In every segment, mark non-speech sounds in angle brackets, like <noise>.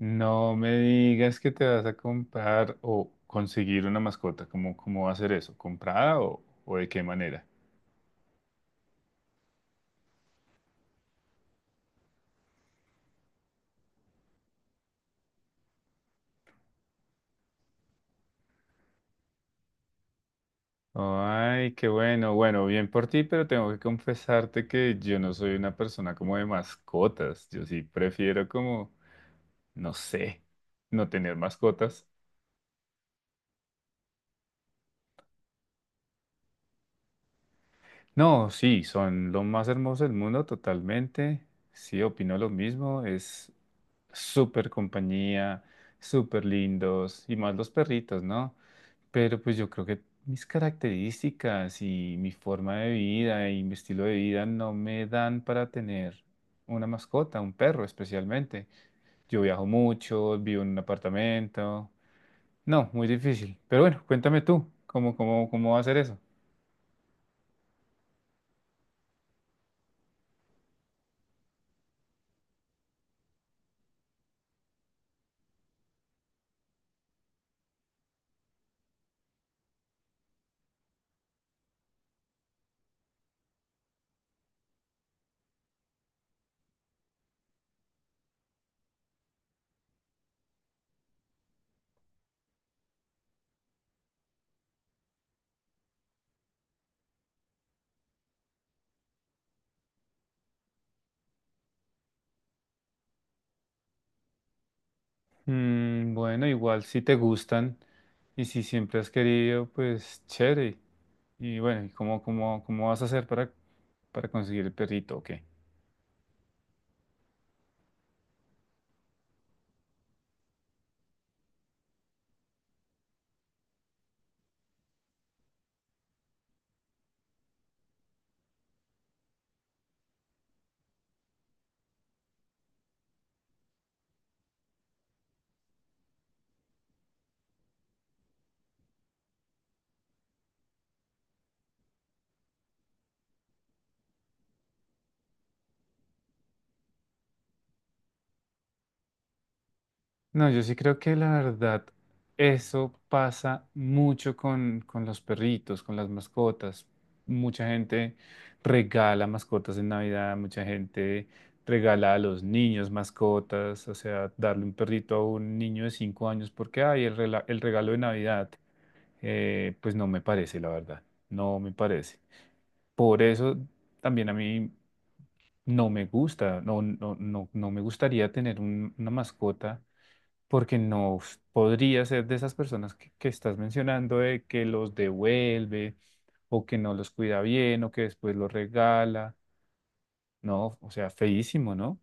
No me digas que te vas a comprar o conseguir una mascota. ¿Cómo va a ser eso? ¿Comprada o de qué manera? Ay, qué bueno. Bueno, bien por ti, pero tengo que confesarte que yo no soy una persona como de mascotas. Yo sí prefiero como, no sé, no tener mascotas. No, sí, son lo más hermoso del mundo totalmente. Sí, opino lo mismo. Es súper compañía, súper lindos y más los perritos, ¿no? Pero pues yo creo que mis características y mi forma de vida y mi estilo de vida no me dan para tener una mascota, un perro especialmente. Yo viajo mucho, vivo en un apartamento. No, muy difícil. Pero bueno, cuéntame tú, ¿cómo va a ser eso? Mm, bueno, igual si te gustan y si siempre has querido, pues chévere. Y bueno, ¿y cómo vas a hacer para conseguir el perrito? Ok. No, yo sí creo que la verdad, eso pasa mucho con los perritos, con las mascotas. Mucha gente regala mascotas en Navidad, mucha gente regala a los niños mascotas, o sea, darle un perrito a un niño de 5 años porque hay el regalo de Navidad, pues no me parece, la verdad, no me parece. Por eso también a mí no me gusta, no me gustaría tener una mascota porque no podría ser de esas personas que estás mencionando, de que los devuelve o que no los cuida bien o que después los regala. No, o sea, feísimo, ¿no?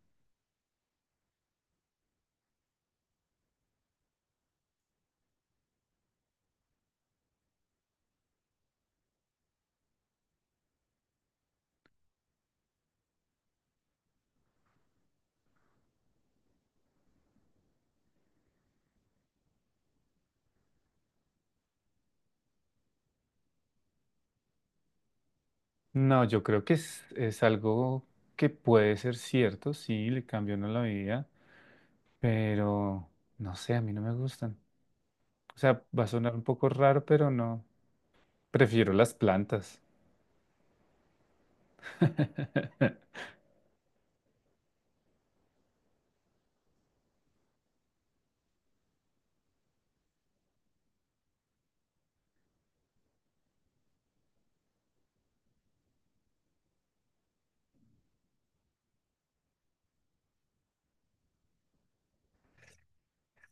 No, yo creo que es algo que puede ser cierto, sí, le cambió no la vida, pero no sé, a mí no me gustan. O sea, va a sonar un poco raro, pero no, prefiero las plantas. <laughs>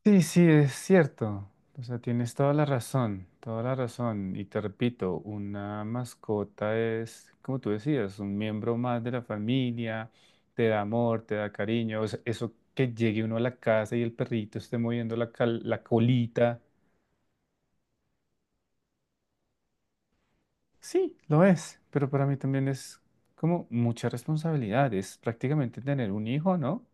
Sí, sí, es cierto. O sea, tienes toda la razón, toda la razón. Y te repito, una mascota es, como tú decías, un miembro más de la familia, te da amor, te da cariño. O sea, eso que llegue uno a la casa y el perrito esté moviendo la, la colita, sí, lo es. Pero para mí también es como mucha responsabilidad. Es prácticamente tener un hijo, ¿no?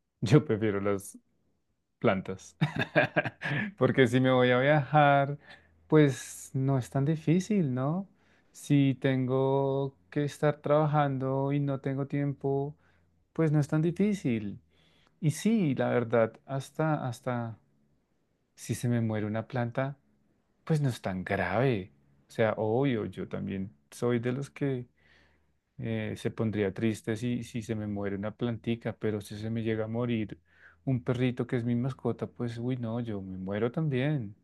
<laughs> Yo prefiero las plantas. <laughs> Porque si me voy a viajar, pues no es tan difícil, ¿no? Si tengo que estar trabajando y no tengo tiempo, pues no es tan difícil. Y sí, la verdad, hasta si se me muere una planta, pues no es tan grave. O sea, obvio, yo también soy de los que se pondría triste si, si se me muere una plantica, pero si se me llega a morir un perrito que es mi mascota, pues uy, no, yo me muero también.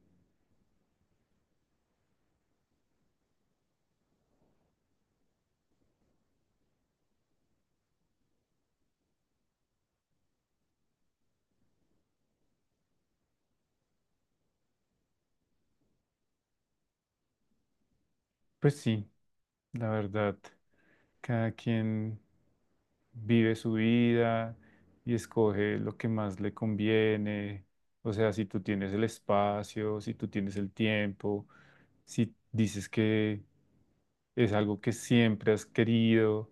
Pues sí, la verdad, cada quien vive su vida y escoge lo que más le conviene. O sea, si tú tienes el espacio, si tú tienes el tiempo, si dices que es algo que siempre has querido.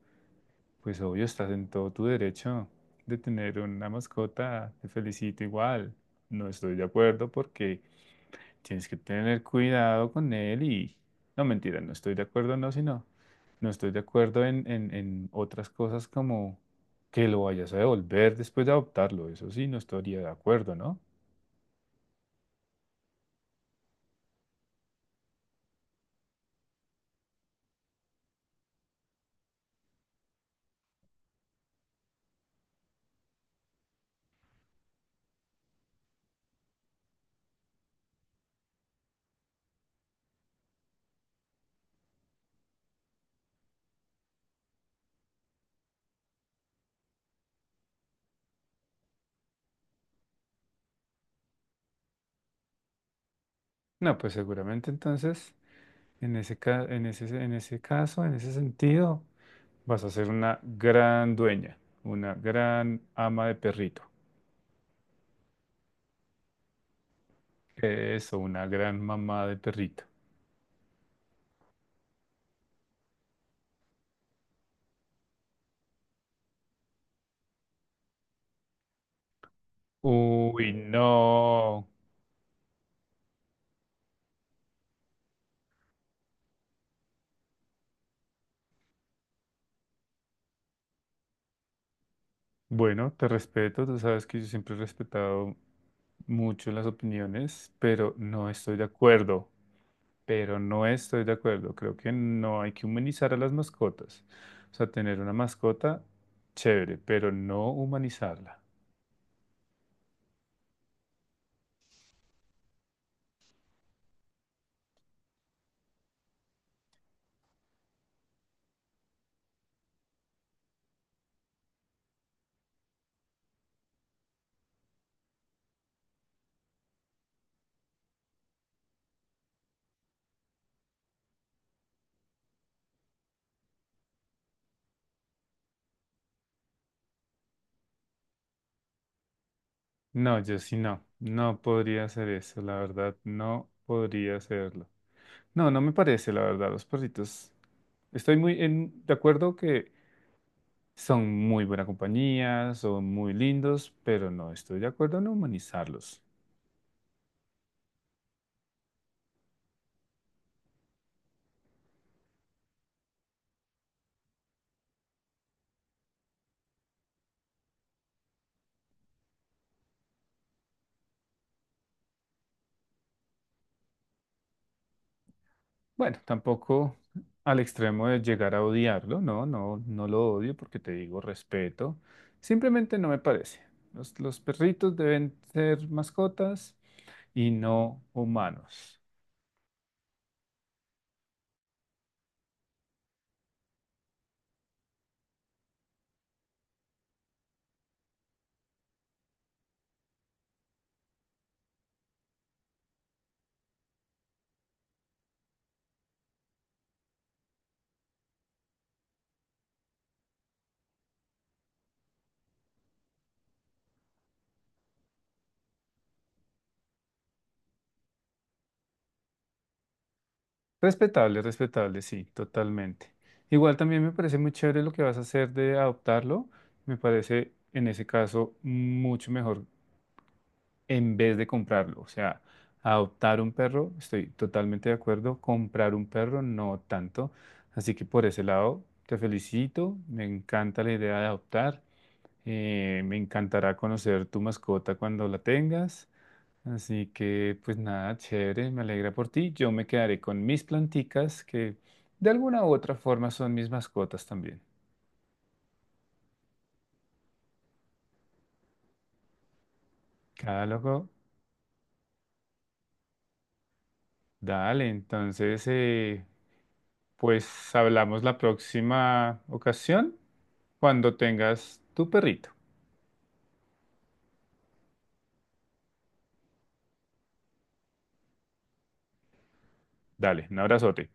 Pues obvio, estás en todo tu derecho de tener una mascota. Te felicito igual. No estoy de acuerdo porque tienes que tener cuidado con él y... No, mentira, no estoy de acuerdo, no, sino... No estoy de acuerdo en otras cosas como que lo vayas a devolver después de adoptarlo. Eso sí, no estaría de acuerdo, ¿no? No, pues seguramente entonces, en en ese caso, en ese sentido, vas a ser una gran dueña, una gran ama de perrito. Eso, una gran mamá de perrito. Uy, no. Bueno, te respeto, tú sabes que yo siempre he respetado mucho las opiniones, pero no estoy de acuerdo, pero no estoy de acuerdo. Creo que no hay que humanizar a las mascotas. O sea, tener una mascota, chévere, pero no humanizarla. No, yo sí no, no podría hacer eso, la verdad, no podría hacerlo. No, no me parece, la verdad, los perritos. Estoy muy de acuerdo que son muy buena compañía, son muy lindos, pero no estoy de acuerdo en humanizarlos. Bueno, tampoco al extremo de llegar a odiarlo, no, no, no lo odio porque te digo respeto. Simplemente no me parece. Los perritos deben ser mascotas y no humanos. Respetable, respetable, sí, totalmente. Igual también me parece muy chévere lo que vas a hacer de adoptarlo. Me parece en ese caso mucho mejor en vez de comprarlo. O sea, adoptar un perro, estoy totalmente de acuerdo. Comprar un perro, no tanto. Así que por ese lado, te felicito. Me encanta la idea de adoptar. Me encantará conocer tu mascota cuando la tengas. Así que, pues nada, chévere, me alegra por ti. Yo me quedaré con mis planticas, que de alguna u otra forma son mis mascotas también. Catálogo, dale, entonces, pues hablamos la próxima ocasión cuando tengas tu perrito. Dale, un abrazote.